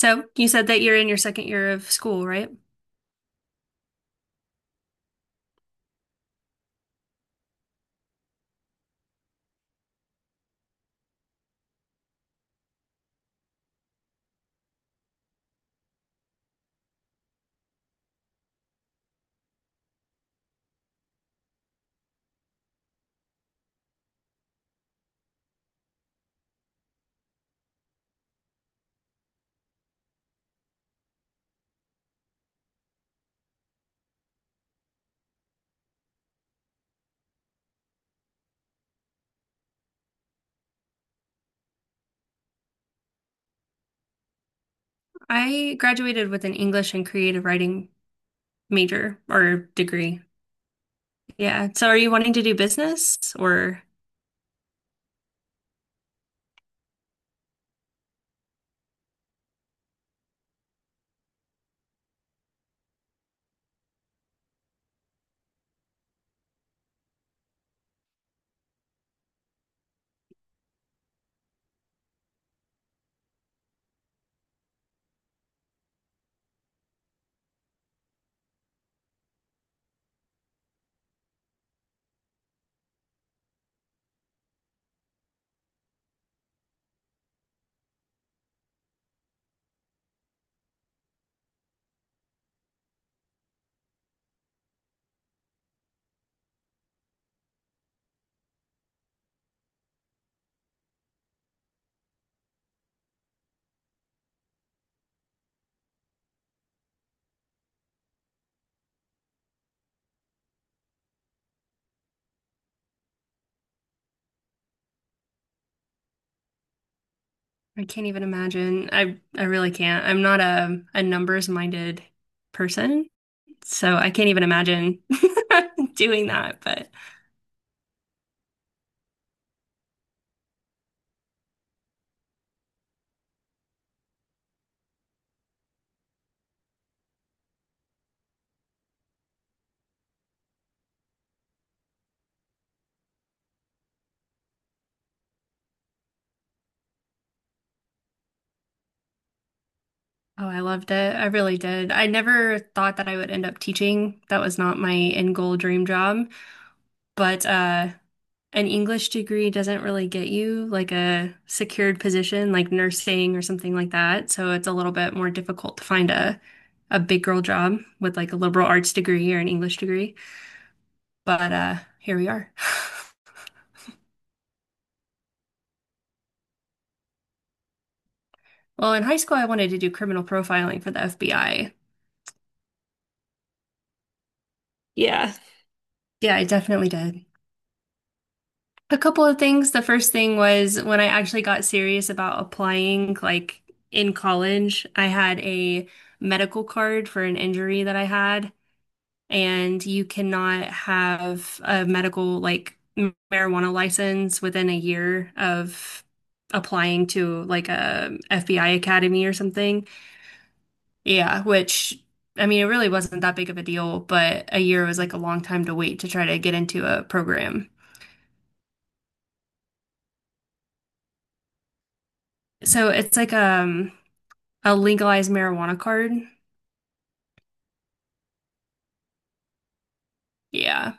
So you said that you're in your second year of school, right? I graduated with an English and creative writing major or degree. Yeah. So are you wanting to do business or I can't even imagine. I really can't. I'm not a numbers minded person, so I can't even imagine doing that, but oh, I loved it. I really did. I never thought that I would end up teaching. That was not my end goal dream job. But an English degree doesn't really get you like a secured position like nursing or something like that. So it's a little bit more difficult to find a big girl job with like a liberal arts degree or an English degree. But here we are. Well, in high school I wanted to do criminal profiling for the FBI. Yeah. Yeah, I definitely did. A couple of things. The first thing was when I actually got serious about applying, like in college, I had a medical card for an injury that I had. And you cannot have a medical marijuana license within a year of applying to like a FBI academy or something. Yeah, which I mean, it really wasn't that big of a deal, but a year was like a long time to wait to try to get into a program. So it's like a legalized marijuana card. Yeah.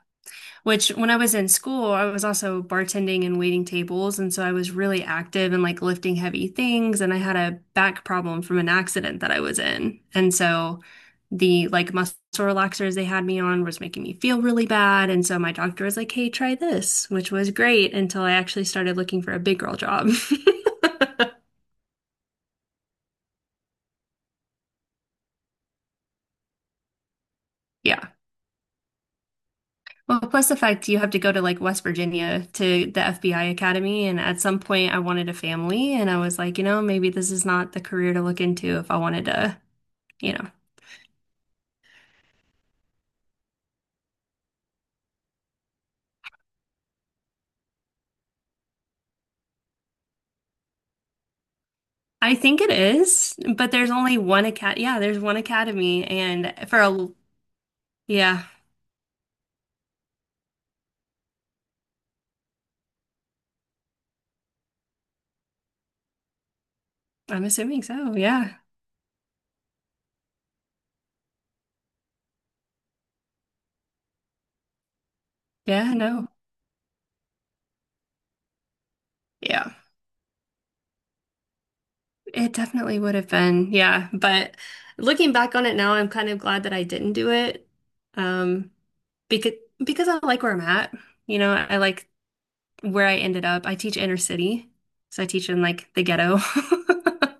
Which, when I was in school, I was also bartending and waiting tables. And so I was really active and like lifting heavy things. And I had a back problem from an accident that I was in. And so the like muscle relaxers they had me on was making me feel really bad. And so my doctor was like, hey, try this, which was great until I actually started looking for a big girl job. Yeah. Well, plus the fact you have to go to like West Virginia to the FBI Academy. And at some point, I wanted a family. And I was like, you know, maybe this is not the career to look into if I wanted to, you know. I think it is, but there's only one acad. Yeah, there's one academy. And for a, yeah, I'm assuming so. Yeah. Yeah. No. Yeah. It definitely would have been. Yeah. But looking back on it now, I'm kind of glad that I didn't do it. Um, because, because I like where I'm at. You know, I like where I ended up, I teach inner city. So I teach in like the ghetto.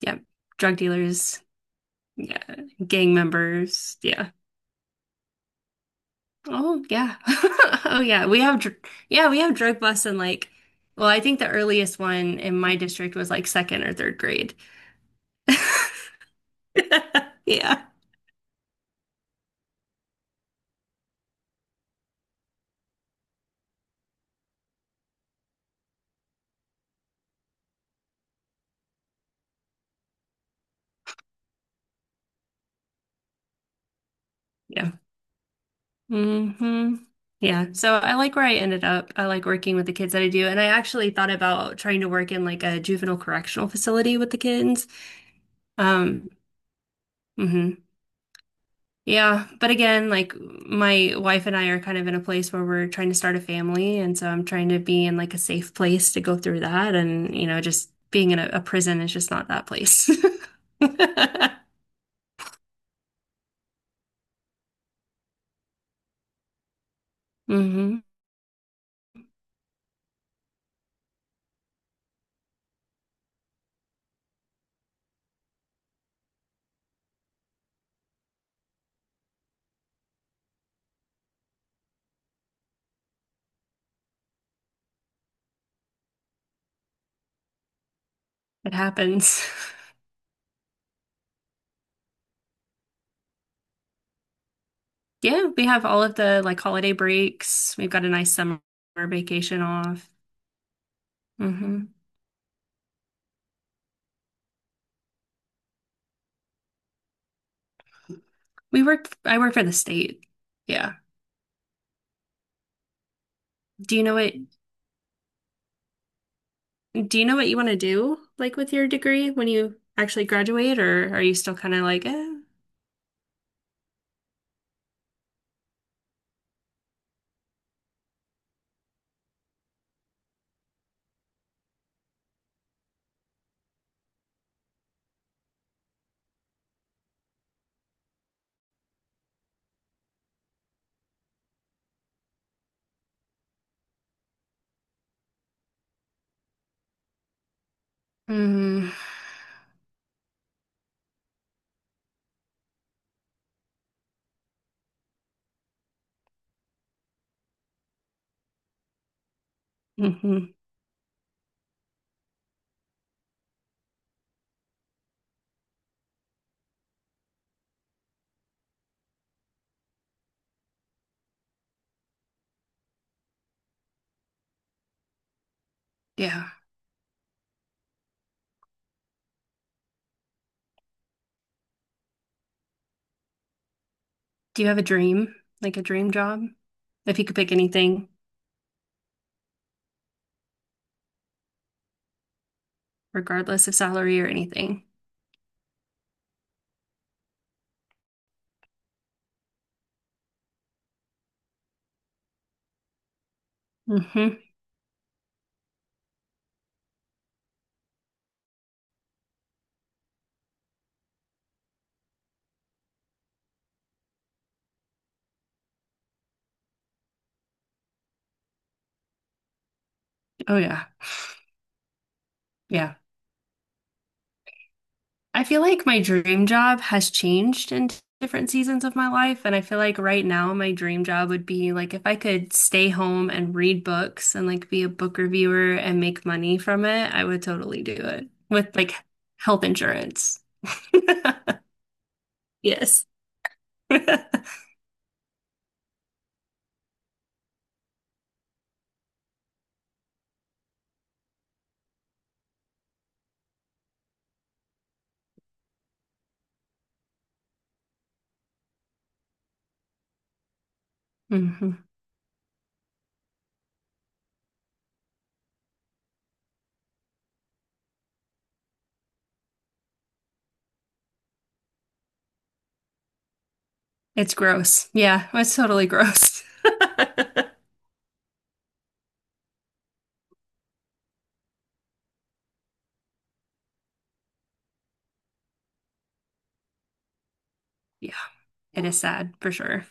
Yeah. Drug dealers, yeah, gang members, yeah. Oh yeah. Oh yeah. We have dr yeah, we have drug busts in like well, I think the earliest one in my district was like second or third grade. Yeah. Yeah. Hmm. Yeah. So I like where I ended up. I like working with the kids that I do. And I actually thought about trying to work in like a juvenile correctional facility with the kids. Um, hmm Yeah, but again, like my wife and I are kind of in a place where we're trying to start a family, and so I'm trying to be in like a safe place to go through that, and you know, just being in a prison is just not that place. Hmm. It happens. Yeah, we have all of the like holiday breaks. We've got a nice summer vacation off. Hmm. We work. I work for the state. Yeah. Do you know what? Do you know what you want to do, like with your degree when you actually graduate, or are you still kind of like, eh? Mm, hmm, yeah. Do you have a dream, like a dream job? If you could pick anything, regardless of salary or anything. Hmm. Oh, yeah. Yeah. I feel like my dream job has changed in different seasons of my life. And I feel like right now my dream job would be like if I could stay home and read books and like be a book reviewer and make money from it, I would totally do it with like health insurance. Yes. Hmm. It's gross. Yeah, it's totally gross. Yeah, it is sad for sure.